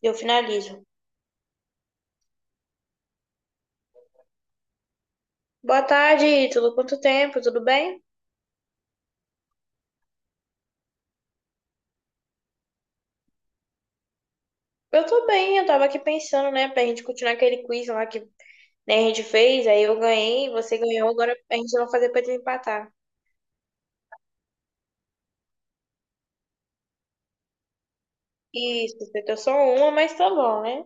Eu finalizo. Boa tarde, Ítalo. Quanto tempo? Tudo bem? Eu tô bem, eu tava aqui pensando, né, pra gente continuar aquele quiz lá que né, a gente fez, aí eu ganhei, você ganhou, agora a gente vai fazer pra desempatar. Isso, você acertou só uma, mas tá bom, né?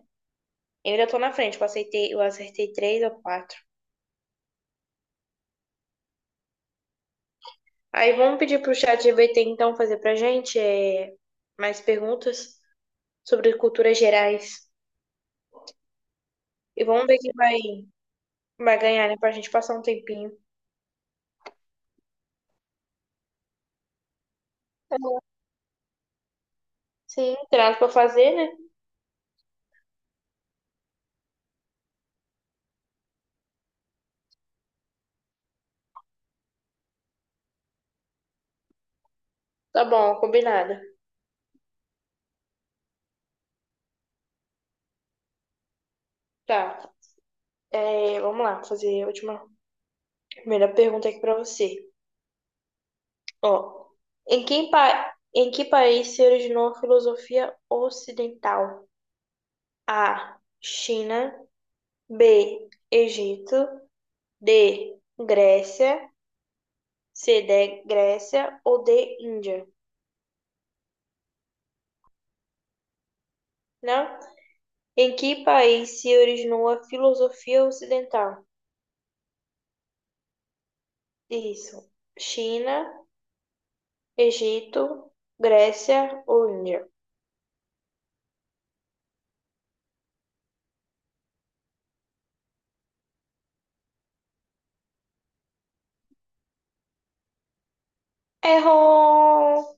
Eu ainda tô na frente, eu acertei três ou quatro. Aí vamos pedir pro chat GPT então fazer pra gente mais perguntas sobre culturas gerais. E vamos ver vai ganhar, né, pra gente passar um tempinho. Sim, tem nada pra fazer, né? Tá bom, combinado. Tá, vamos lá, fazer a primeira pergunta aqui pra você. Ó, em que país se originou a filosofia ocidental? A, China, B, Egito, D, Grécia, C, D, Grécia ou D, Índia? Não? Em que país se originou a filosofia ocidental? Isso, China, Egito, Grécia ou Índia? Errou!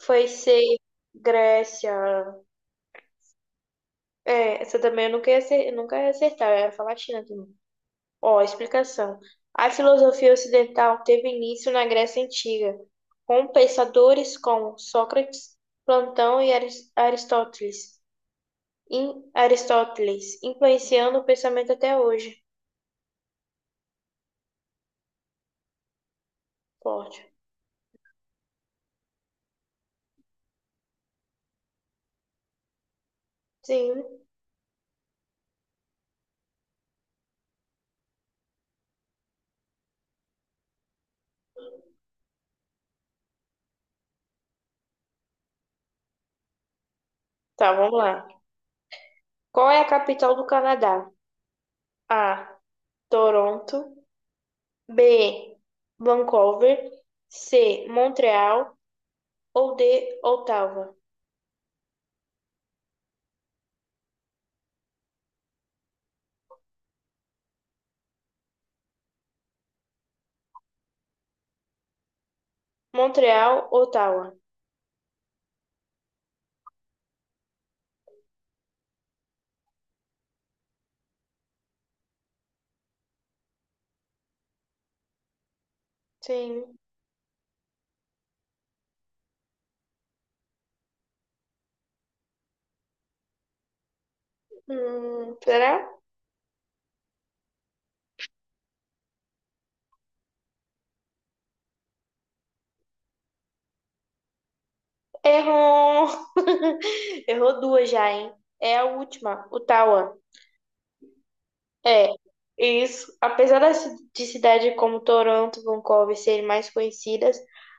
Foi ser Grécia. É, essa também eu nunca ia acertar, eu ia falar China também. Ó, explicação. A filosofia ocidental teve início na Grécia Antiga, com pensadores como Sócrates, Platão e Aristóteles, Aristóteles, influenciando o pensamento até hoje. Forte. Sim. Tá, vamos lá. Qual é a capital do Canadá? A, Toronto. B, Vancouver. C, Montreal, ou de Ottawa. Montreal, Ottawa. Sim. Será? Errou! Errou duas já, hein? É a última, Ottawa. É, isso. Apesar de cidades como Toronto e Vancouver serem mais conhecidas,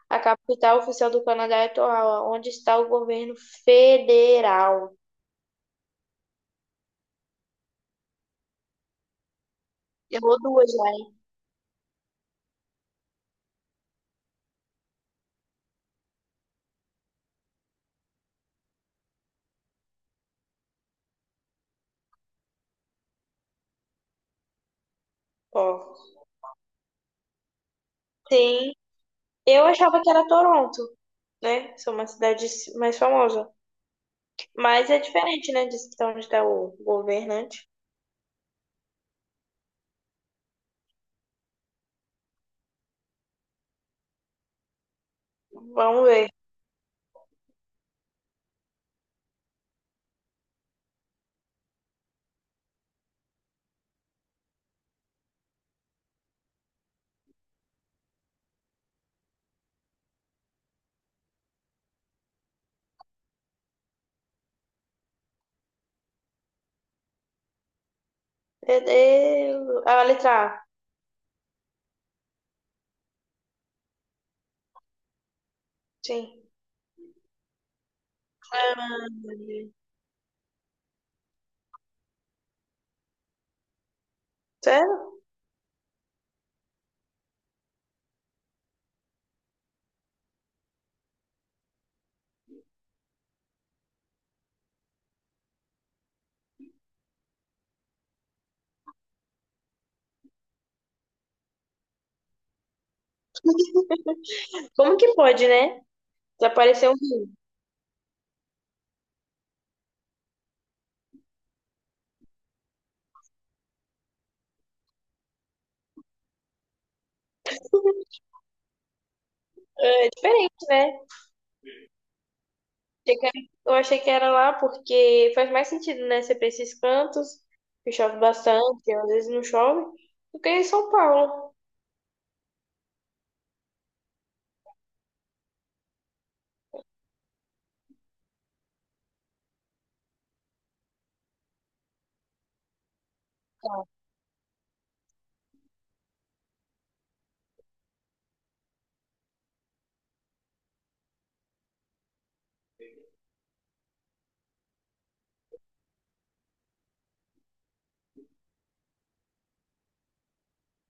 a capital oficial do Canadá é Ottawa, onde está o governo federal. Errou duas já, hein? Ó, sim. Eu achava que era Toronto, né? São uma cidade mais famosa. Mas é diferente, né? De onde está o governante. Vamos ver. Deus. Ah, a letra A. Sim. Ah, sério? Como que pode, né? Desapareceu um rio. É diferente, né? Achei que era- Eu achei que era lá porque faz mais sentido, né? Ser pra esses cantos, que chove bastante, às vezes não chove, do que em São Paulo.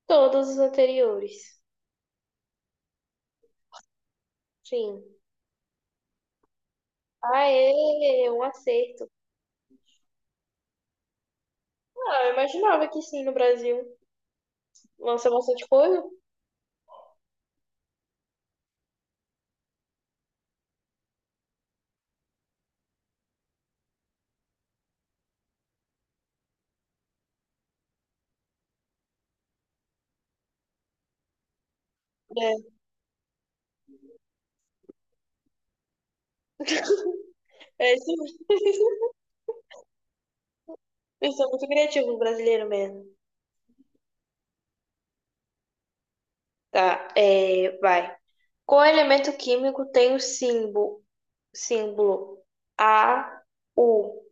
Todos os anteriores. Sim. Aê, um acerto. Ah, eu imaginava que sim, no Brasil. Lança bastante coisa. É. É, isso, eu sou muito criativo, brasileiro mesmo. Tá, vai. Qual elemento químico tem o símbolo A, U,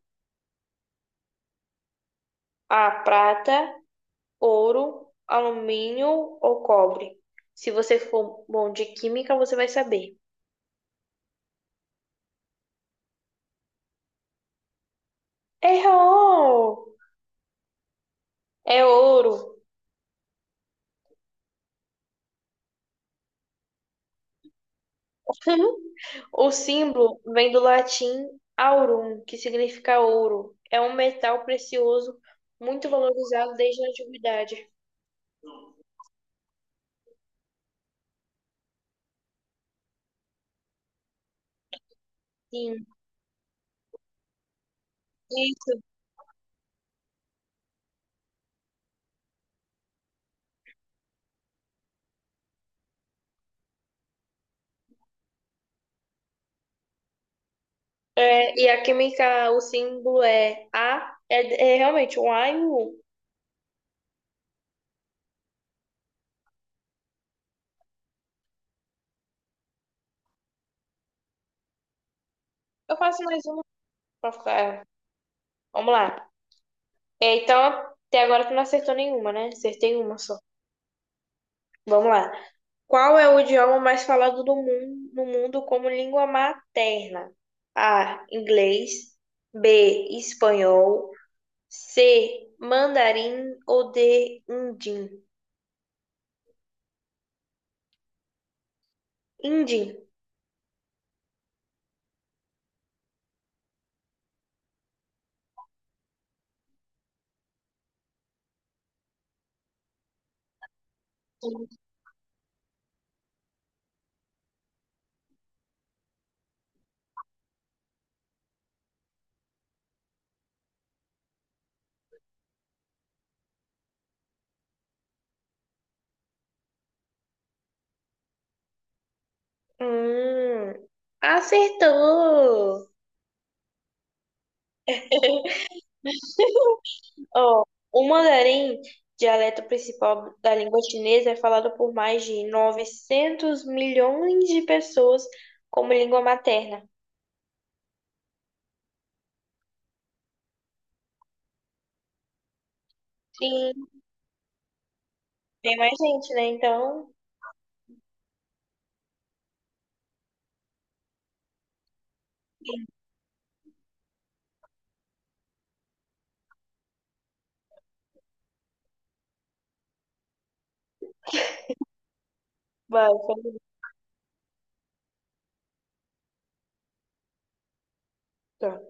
A, prata, ouro, alumínio ou cobre? Se você for bom de química, você vai saber. Errou! É ouro. O símbolo vem do latim aurum, que significa ouro. É um metal precioso muito valorizado desde a antiguidade. Sim. Isso. É, e a química, o símbolo é é realmente um A e um U. Eu faço mais uma pra ficar. Vamos lá. É, então, até agora tu não acertou nenhuma, né? Acertei uma só. Vamos lá. Qual é o idioma mais falado do mundo, no mundo como língua materna? A, inglês. B, espanhol. C, mandarim ou D, indim? Indim. Hum, acertou! Ó, o mandarim, dialeto principal da língua chinesa, é falado por mais de 900 milhões de pessoas como língua materna. Sim, tem mais gente, né? Então, vai, pergunta.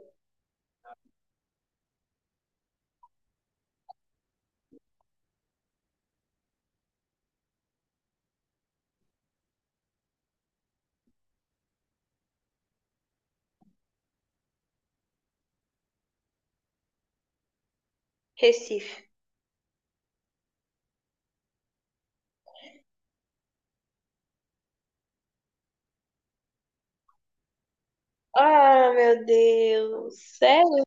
Recife. Ah, meu Deus. Sério?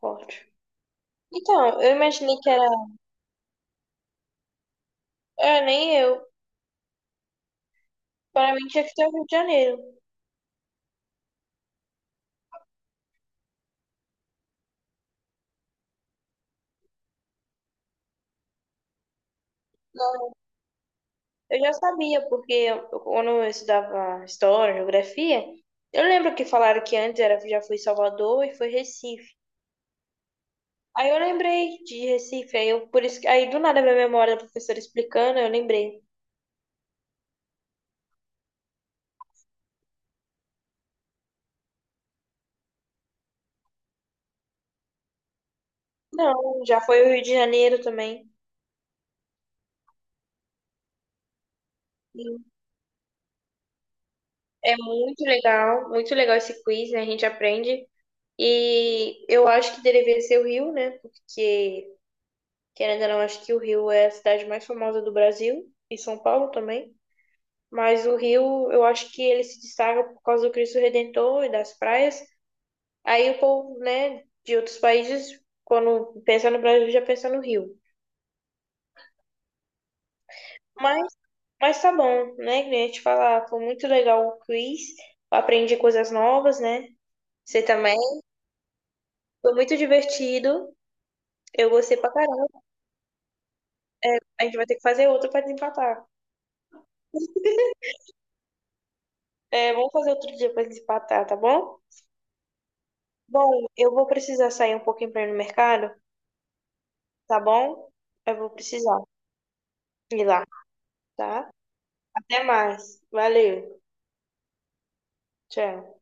Forte. Então, eu imaginei que era. É, nem eu. Para mim tinha que ser o Rio de Janeiro. Eu já sabia, porque quando eu estudava história, geografia, eu lembro que falaram que antes era, já foi Salvador e foi Recife. Aí eu lembrei de Recife, por isso que, aí do nada minha memória da professora explicando, eu lembrei. Não, já foi o Rio de Janeiro também. Sim. É muito legal esse quiz, né? A gente aprende. E eu acho que deveria ser o Rio, né? Porque, querendo ou não, acho que o Rio é a cidade mais famosa do Brasil, e São Paulo também. Mas o Rio, eu acho que ele se destaca por causa do Cristo Redentor e das praias. Aí o povo, né, de outros países, quando pensa no Brasil, já pensa no Rio. Mas Mas tá bom, né? Queria te falar, foi muito legal o quiz. Eu aprendi coisas novas, né? Você também. Foi muito divertido. Eu gostei pra caramba. A gente vai ter que fazer outro pra desempatar. É, vamos fazer outro dia pra desempatar, tá bom? Bom, eu vou precisar sair um pouquinho pra ir no mercado, tá bom? Eu vou precisar ir lá, tá? Até mais. Valeu. Tchau.